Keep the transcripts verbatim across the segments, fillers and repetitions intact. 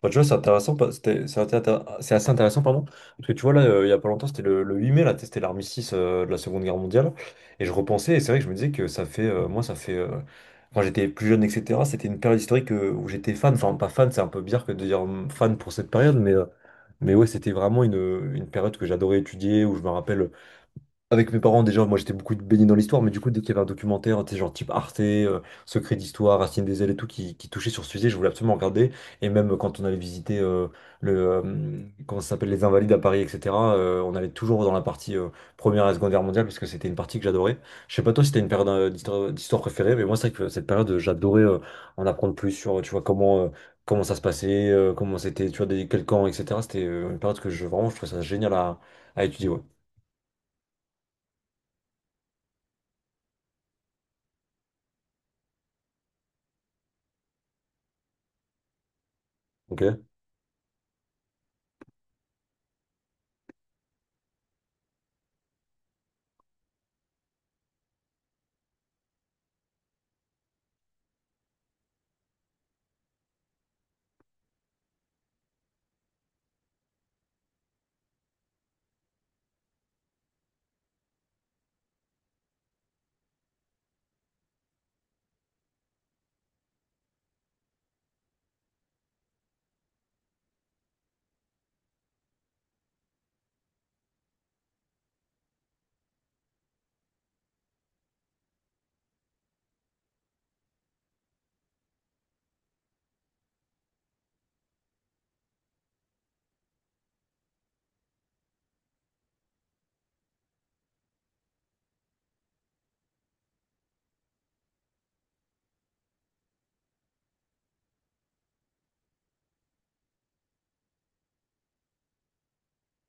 Bah, tu vois, c'est intéressant, pas- c'était- c'est intér- c'est assez intéressant, pardon, parce que tu vois, là, euh, il y a pas longtemps, c'était le, le huit mai, là, c'était l'armistice euh, de la Seconde Guerre mondiale, et je repensais, et c'est vrai que je me disais que ça fait, euh, moi, ça fait, euh, quand j'étais plus jeune, et cetera, c'était une période historique euh, où j'étais fan, enfin, pas fan, c'est un peu bizarre que de dire hum, fan pour cette période, mais, euh, mais ouais, c'était vraiment une, une période que j'adorais étudier, où je me rappelle avec mes parents, déjà, moi j'étais beaucoup baigné dans l'histoire, mais du coup, dès qu'il y avait un documentaire, tu sais, genre type Arte, euh, Secret d'Histoire, Racine des ailes et tout, qui, qui touchait sur ce sujet, je voulais absolument regarder. Et même quand on allait visiter euh, le, euh, comment ça s'appelle, les Invalides à Paris, et cetera, euh, on allait toujours dans la partie euh, Première et Seconde Guerre mondiale, parce que c'était une partie que j'adorais. Je sais pas toi si t'as une période euh, d'histoire euh, d'histoire préférée, mais moi, c'est vrai que cette période, euh, j'adorais euh, en apprendre plus sur, euh, tu vois, comment, euh, comment ça se passait, euh, comment c'était, tu vois, des, quel camp, et cetera. C'était euh, une période que je, vraiment, je trouvais ça génial à, à étudier, ouais. Ok.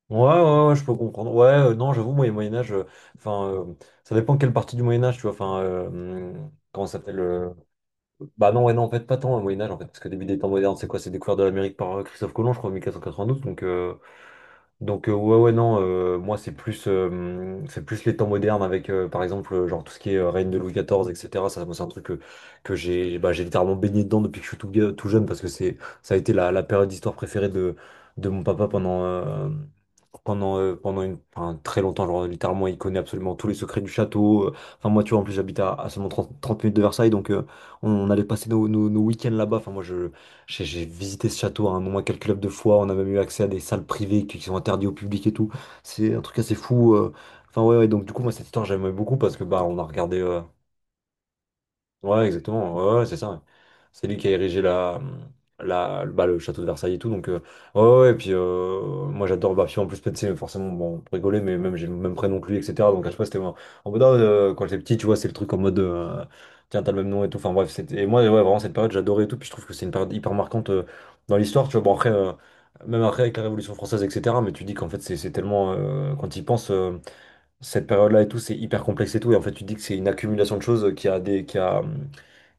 Ouais, ouais, ouais, je peux comprendre. Ouais, euh, non, j'avoue, moi, le Moyen-Âge, euh, enfin, euh, ça dépend quelle partie du Moyen-Âge, tu vois, enfin, euh, hum, comment ça s'appelle euh, Bah non, ouais, non, en fait, pas tant le Moyen-Âge, en fait, parce que début des temps modernes, c'est quoi? C'est découvert de l'Amérique par euh, Christophe Colomb, je crois, en mille quatre cent quatre-vingt-douze, donc, euh, donc euh, ouais ouais non euh, moi c'est plus euh, c'est plus les temps modernes avec euh, par exemple euh, genre tout ce qui est euh, règne de Louis quatorze etc ça moi, c'est un truc que, que j'ai bah, j'ai littéralement baigné dedans depuis que je suis tout, ga- tout jeune parce que c'est ça a été la, la période d'histoire préférée de, de mon papa pendant euh, pendant euh, pendant une, enfin, très longtemps genre littéralement il connaît absolument tous les secrets du château euh. Enfin moi tu vois en plus j'habite à, à seulement trente trente minutes de Versailles donc euh, on, on allait passer nos, nos, nos week-ends là-bas enfin moi je j'ai j'ai visité ce château à un nombre incalculable de fois. On a même eu accès à des salles privées qui qui sont interdites au public et tout. C'est un truc assez fou. euh. Enfin, ouais, ouais, donc du coup, moi, cette histoire, j'aimais beaucoup parce que bah, on a regardé. euh, Ouais, exactement. Ouais, ouais, c'est ça. Ouais. C'est lui qui a érigé la, la, bah, le château de Versailles et tout. Donc, euh, ouais, ouais, et puis, euh, moi, j'adore. Bah, puis en plus, peut-être, c'est forcément, bon, pour rigoler, mais même, j'ai le même prénom que lui, et cetera. Donc, à chaque fois, c'était en en mode, ah, euh, quand j'étais petit, tu vois, c'est le truc en mode, euh, tiens, t'as le même nom et tout. Enfin, bref, c'était. Et moi, ouais, vraiment, cette période, j'adorais et tout. Puis, je trouve que c'est une période hyper marquante euh, dans l'histoire. Tu vois, bon, après, euh, même après, avec la Révolution française, et cetera. Mais tu dis qu'en fait, c'est c'est tellement. Euh, quand il pense cette période-là et tout, c'est hyper complexe et tout. Et en fait, tu dis que c'est une accumulation de choses euh, qui a des. Qui a,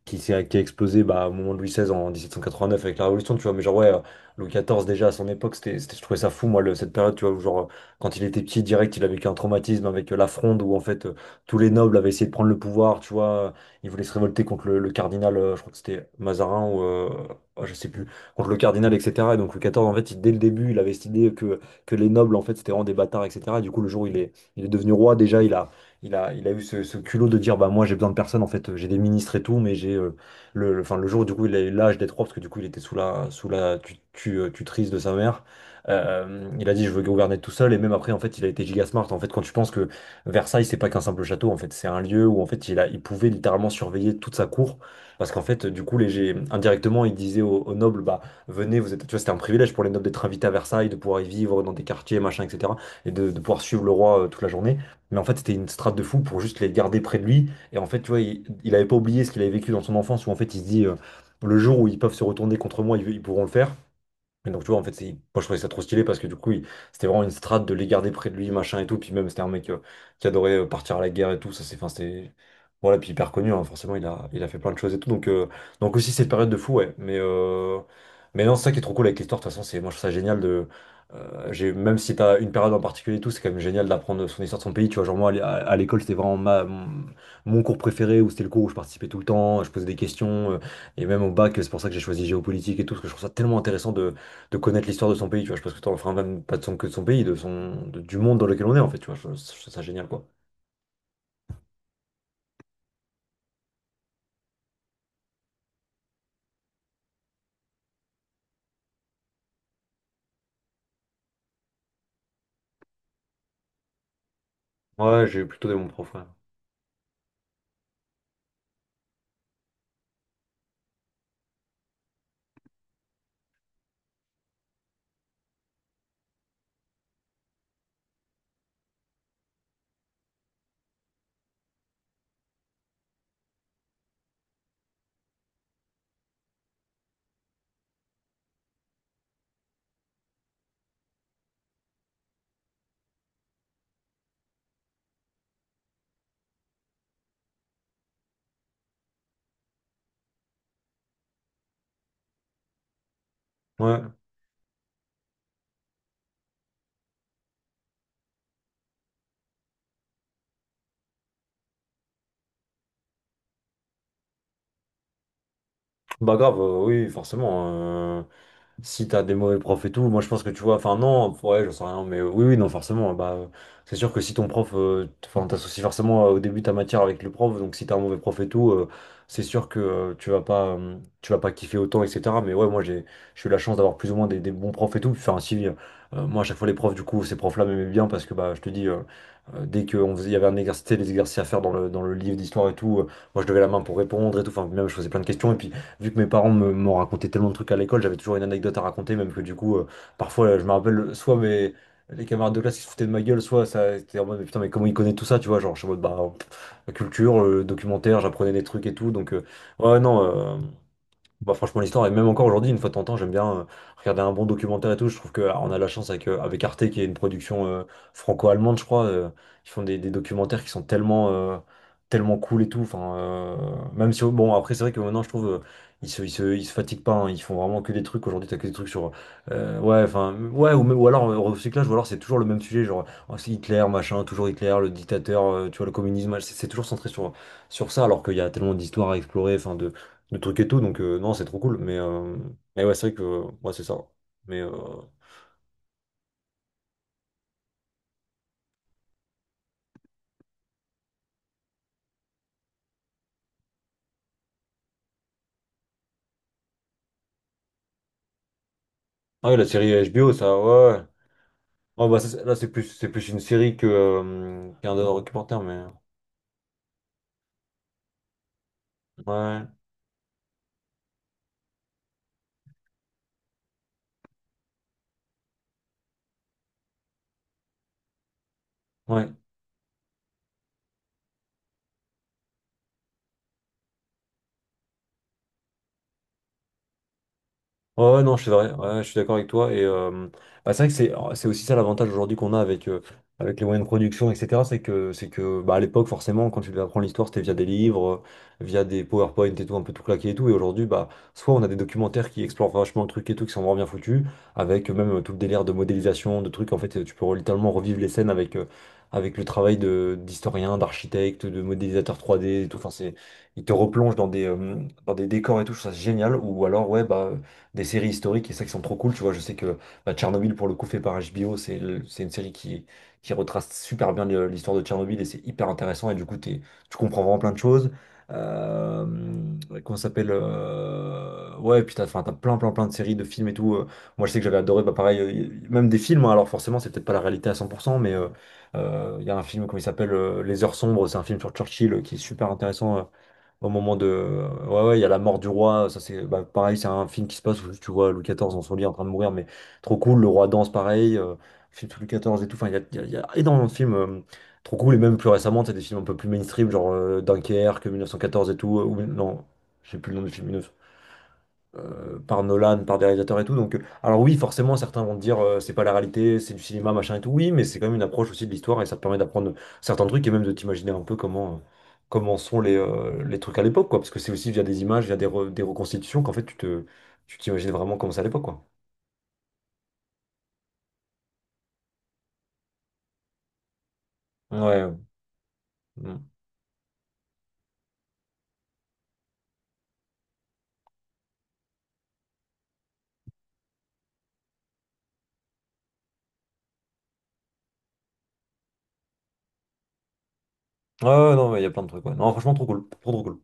qui, s'est- Qui a explosé bah, au moment de Louis seize en mille sept cent quatre-vingt-neuf avec la Révolution, tu vois. Mais genre, ouais, euh, Louis quatorze, déjà à son époque, c'était, c'était- je trouvais ça fou, moi, le- cette période, tu vois, où genre, euh, quand il était petit, direct, il a vécu un traumatisme avec euh, la Fronde, où en fait, euh, tous les nobles avaient essayé de prendre le pouvoir, tu vois. Ils voulaient se révolter contre le, le cardinal, euh, je crois que c'était Mazarin ou. euh, oh, je sais plus, contre le cardinal, et cetera. Et donc Louis quatorze, en fait, il- dès le début, il avait cette idée que, que les nobles, en fait, c'était vraiment des bâtards, et cetera. Et du coup, le jour où il est, il est devenu roi, déjà, il a, il a, il a eu ce, ce culot de dire, bah moi j'ai besoin de personne, en fait, j'ai des ministres et tout, mais j'ai euh, le, le- enfin, le jour où du coup il a eu l'âge des trois, parce que du coup il était sous la, sous la tu, tu, euh, tutrice de sa mère. Euh, il a dit je veux gouverner tout seul et même après en fait il a été giga smart en fait quand tu penses que Versailles c'est pas qu'un simple château en fait c'est un lieu où en fait il a il pouvait littéralement surveiller toute sa cour parce qu'en fait du coup les gé- indirectement il disait aux, aux nobles bah venez vous êtes tu vois c'était un privilège pour les nobles d'être invités à Versailles de pouvoir y vivre dans des quartiers machin etc et de, de pouvoir suivre le roi euh, toute la journée mais en fait, c'était une strate de fou pour juste les garder près de lui. Et en fait, tu vois, il, il avait pas oublié ce qu'il avait vécu dans son enfance où en fait, il se dit euh, le jour où ils peuvent se retourner contre moi, ils, ils pourront le faire. Et donc, tu vois, en fait, c'est- moi, je trouvais ça trop stylé parce que du coup, il- c'était vraiment une strate de les garder près de lui, machin et tout. Puis même, c'était un mec euh, qui adorait euh, partir à la guerre et tout. Ça, c'est, enfin, c'était. Voilà, puis hyper connu, hein, forcément, il a, il a fait plein de choses et tout. Donc, euh, donc aussi, cette période de fou, ouais. Mais, euh, mais non, c'est ça qui est trop cool avec l'histoire. De toute façon, c'est, moi, je trouve ça génial de. Euh, j'ai, même si t'as une période en particulier et tout, c'est quand même génial d'apprendre son histoire de son pays. Tu vois, genre, moi, à l'é- à- à l'école, c'était vraiment ma, mon mon cours préféré où c'était le cours où je participais tout le temps, je posais des questions. Euh, et même au bac, c'est pour ça que j'ai choisi géopolitique et tout, parce que je trouve ça tellement intéressant de de connaître l'histoire de son pays, tu vois. Je pense que t'en, enfin, même pas de son, que de son pays, de son, de- du monde dans lequel on est, en fait, tu vois. Je, je trouve ça génial, quoi. Ouais, j'ai eu plutôt des bons profs, ouais. Ouais. Bah grave, euh, oui, forcément. euh, Si t'as des mauvais profs et tout, moi je pense que tu vois, enfin non, ouais, j'en sais rien, mais euh, oui, oui, non, forcément. Bah, euh, c'est sûr que si ton prof, euh, t- enfin t'associes forcément euh, au début ta matière avec le prof, donc si t'as un mauvais prof et tout, euh, c'est sûr que euh, tu vas pas, euh, tu vas pas kiffer autant, et cetera. Mais ouais, moi j'ai, j'ai eu la chance d'avoir plus ou moins des, des bons profs et tout. Enfin si, euh, moi à chaque fois les profs, du coup, ces profs-là m'aimaient bien parce que bah je te dis. euh, euh, Dès qu'on faisait, il y avait un exercice, des exercices à faire dans le, dans le livre d'histoire et tout, euh, moi je levais la main pour répondre et tout, enfin même je faisais plein de questions et puis vu que mes parents me- m'ont raconté tellement de trucs à l'école, j'avais toujours une anecdote à raconter, même que du coup, euh, parfois, je me rappelle, soit mes, les camarades de classe qui se foutaient de ma gueule, soit ça était en mode, mais putain, mais comment il connaît tout ça, tu vois, genre, je suis en mode, bah, pff, culture, euh, documentaire, j'apprenais des trucs et tout, donc, euh, ouais, non. Euh, bah franchement l'histoire et même encore aujourd'hui une fois de temps en temps j'aime bien euh, regarder un bon documentaire et tout je trouve que ah, on a la chance avec, euh, avec Arte qui est une production euh, franco-allemande je crois euh, ils font des, des documentaires qui sont tellement euh, tellement cool et tout enfin euh, même si bon après c'est vrai que maintenant je trouve euh, ils se, ils se, ils se fatiguent pas hein. Ils font vraiment que des trucs aujourd'hui, t'as que des trucs sur euh, ouais, enfin ouais ou, même- ou alors euh, recyclage, ou alors c'est toujours le même sujet, genre oh, c'est Hitler machin, toujours Hitler le dictateur, euh, tu vois, le communisme, ouais, c'est c'est toujours centré sur sur ça alors qu'il y a tellement d'histoires à explorer, enfin le truc et tout. Donc, euh, non, c'est trop cool. Mais, euh, mais ouais, c'est vrai que moi c'est ça. Mais euh, ah ouais, la série H B O, ça, ouais. Ouais, ah, bah, ça, c'est- là, c'est plus, c'est plus une série que, euh, qu'un documentaire, mais ouais, ouais. Ouais, ouais, non, c'est vrai, ouais, ouais, je suis d'accord avec toi. Et euh, bah, c'est vrai que c'est oh, c'est aussi ça l'avantage aujourd'hui qu'on a avec, euh, avec les moyens de production, et cetera. C'est que, c'est que bah, à l'époque, forcément, quand tu devais apprendre l'histoire, c'était via des livres, euh, via des PowerPoint et tout, un peu tout claqué et tout. Et aujourd'hui, bah, soit on a des documentaires qui explorent vachement le truc et tout, qui sont vraiment bien foutus, avec même euh, tout le délire de modélisation, de trucs. En fait, euh, tu peux littéralement revivre les scènes avec, euh, avec le travail de, d'historien, d'architecte, de modélisateur trois D et tout. Enfin, c'est, il te replonge dans des, euh, dans des décors et tout, je trouve ça génial. Ou alors, ouais, bah, des séries historiques et ça qui sont trop cool. Tu vois, je sais que bah, Tchernobyl, pour le coup, fait par H B O, c'est le- c'est une série qui, qui retrace super bien le- l'histoire de Tchernobyl, et c'est hyper intéressant. Et du coup, t'es- tu comprends vraiment plein de choses. Euh, ouais, comment ça s'appelle, euh, ouais, puis t'as, enfin, t'as plein, plein, plein de séries, de films et tout. Euh, moi, je sais que j'avais adoré, bah, pareil, euh, y- même des films. Hein, alors, forcément, c'est peut-être pas la réalité à cent pour cent, mais euh, euh, il y a un film, comment il s'appelle, euh, Les Heures Sombres, c'est un film sur Churchill, euh, qui est super intéressant. Euh, au moment de. Ouais, ouais, il y a la mort du roi. Ça, c'est bah, pareil, c'est un film qui se passe où tu vois Louis quatorze dans son lit en train de mourir, mais trop cool. Le roi danse, pareil. Euh, film sur Louis quatorze et tout. Enfin, il y a, il y a- il y a énormément de films, euh, trop cool. Et même plus récemment, tu as des films un peu plus mainstream, genre euh, Dunkerque, mille neuf cent quatorze et tout. Euh, ou, non, je sais plus le nom du film, euh, par Nolan, par des réalisateurs et tout. Donc, euh, alors oui, forcément, certains vont te dire euh, c'est pas la réalité, c'est du cinéma, machin et tout. Oui, mais c'est quand même une approche aussi de l'histoire, et ça te permet d'apprendre certains trucs et même de t'imaginer un peu comment, euh, comment sont les, euh, les trucs à l'époque, quoi. Parce que c'est aussi via des images, via des, re- des reconstitutions qu'en fait tu te, tu t'imagines vraiment comment c'est à l'époque, quoi. Ouais, ouais, mm. Ouais, ouais, non, mais il y a plein de trucs, ouais. Non, franchement, trop cool, trop, trop cool.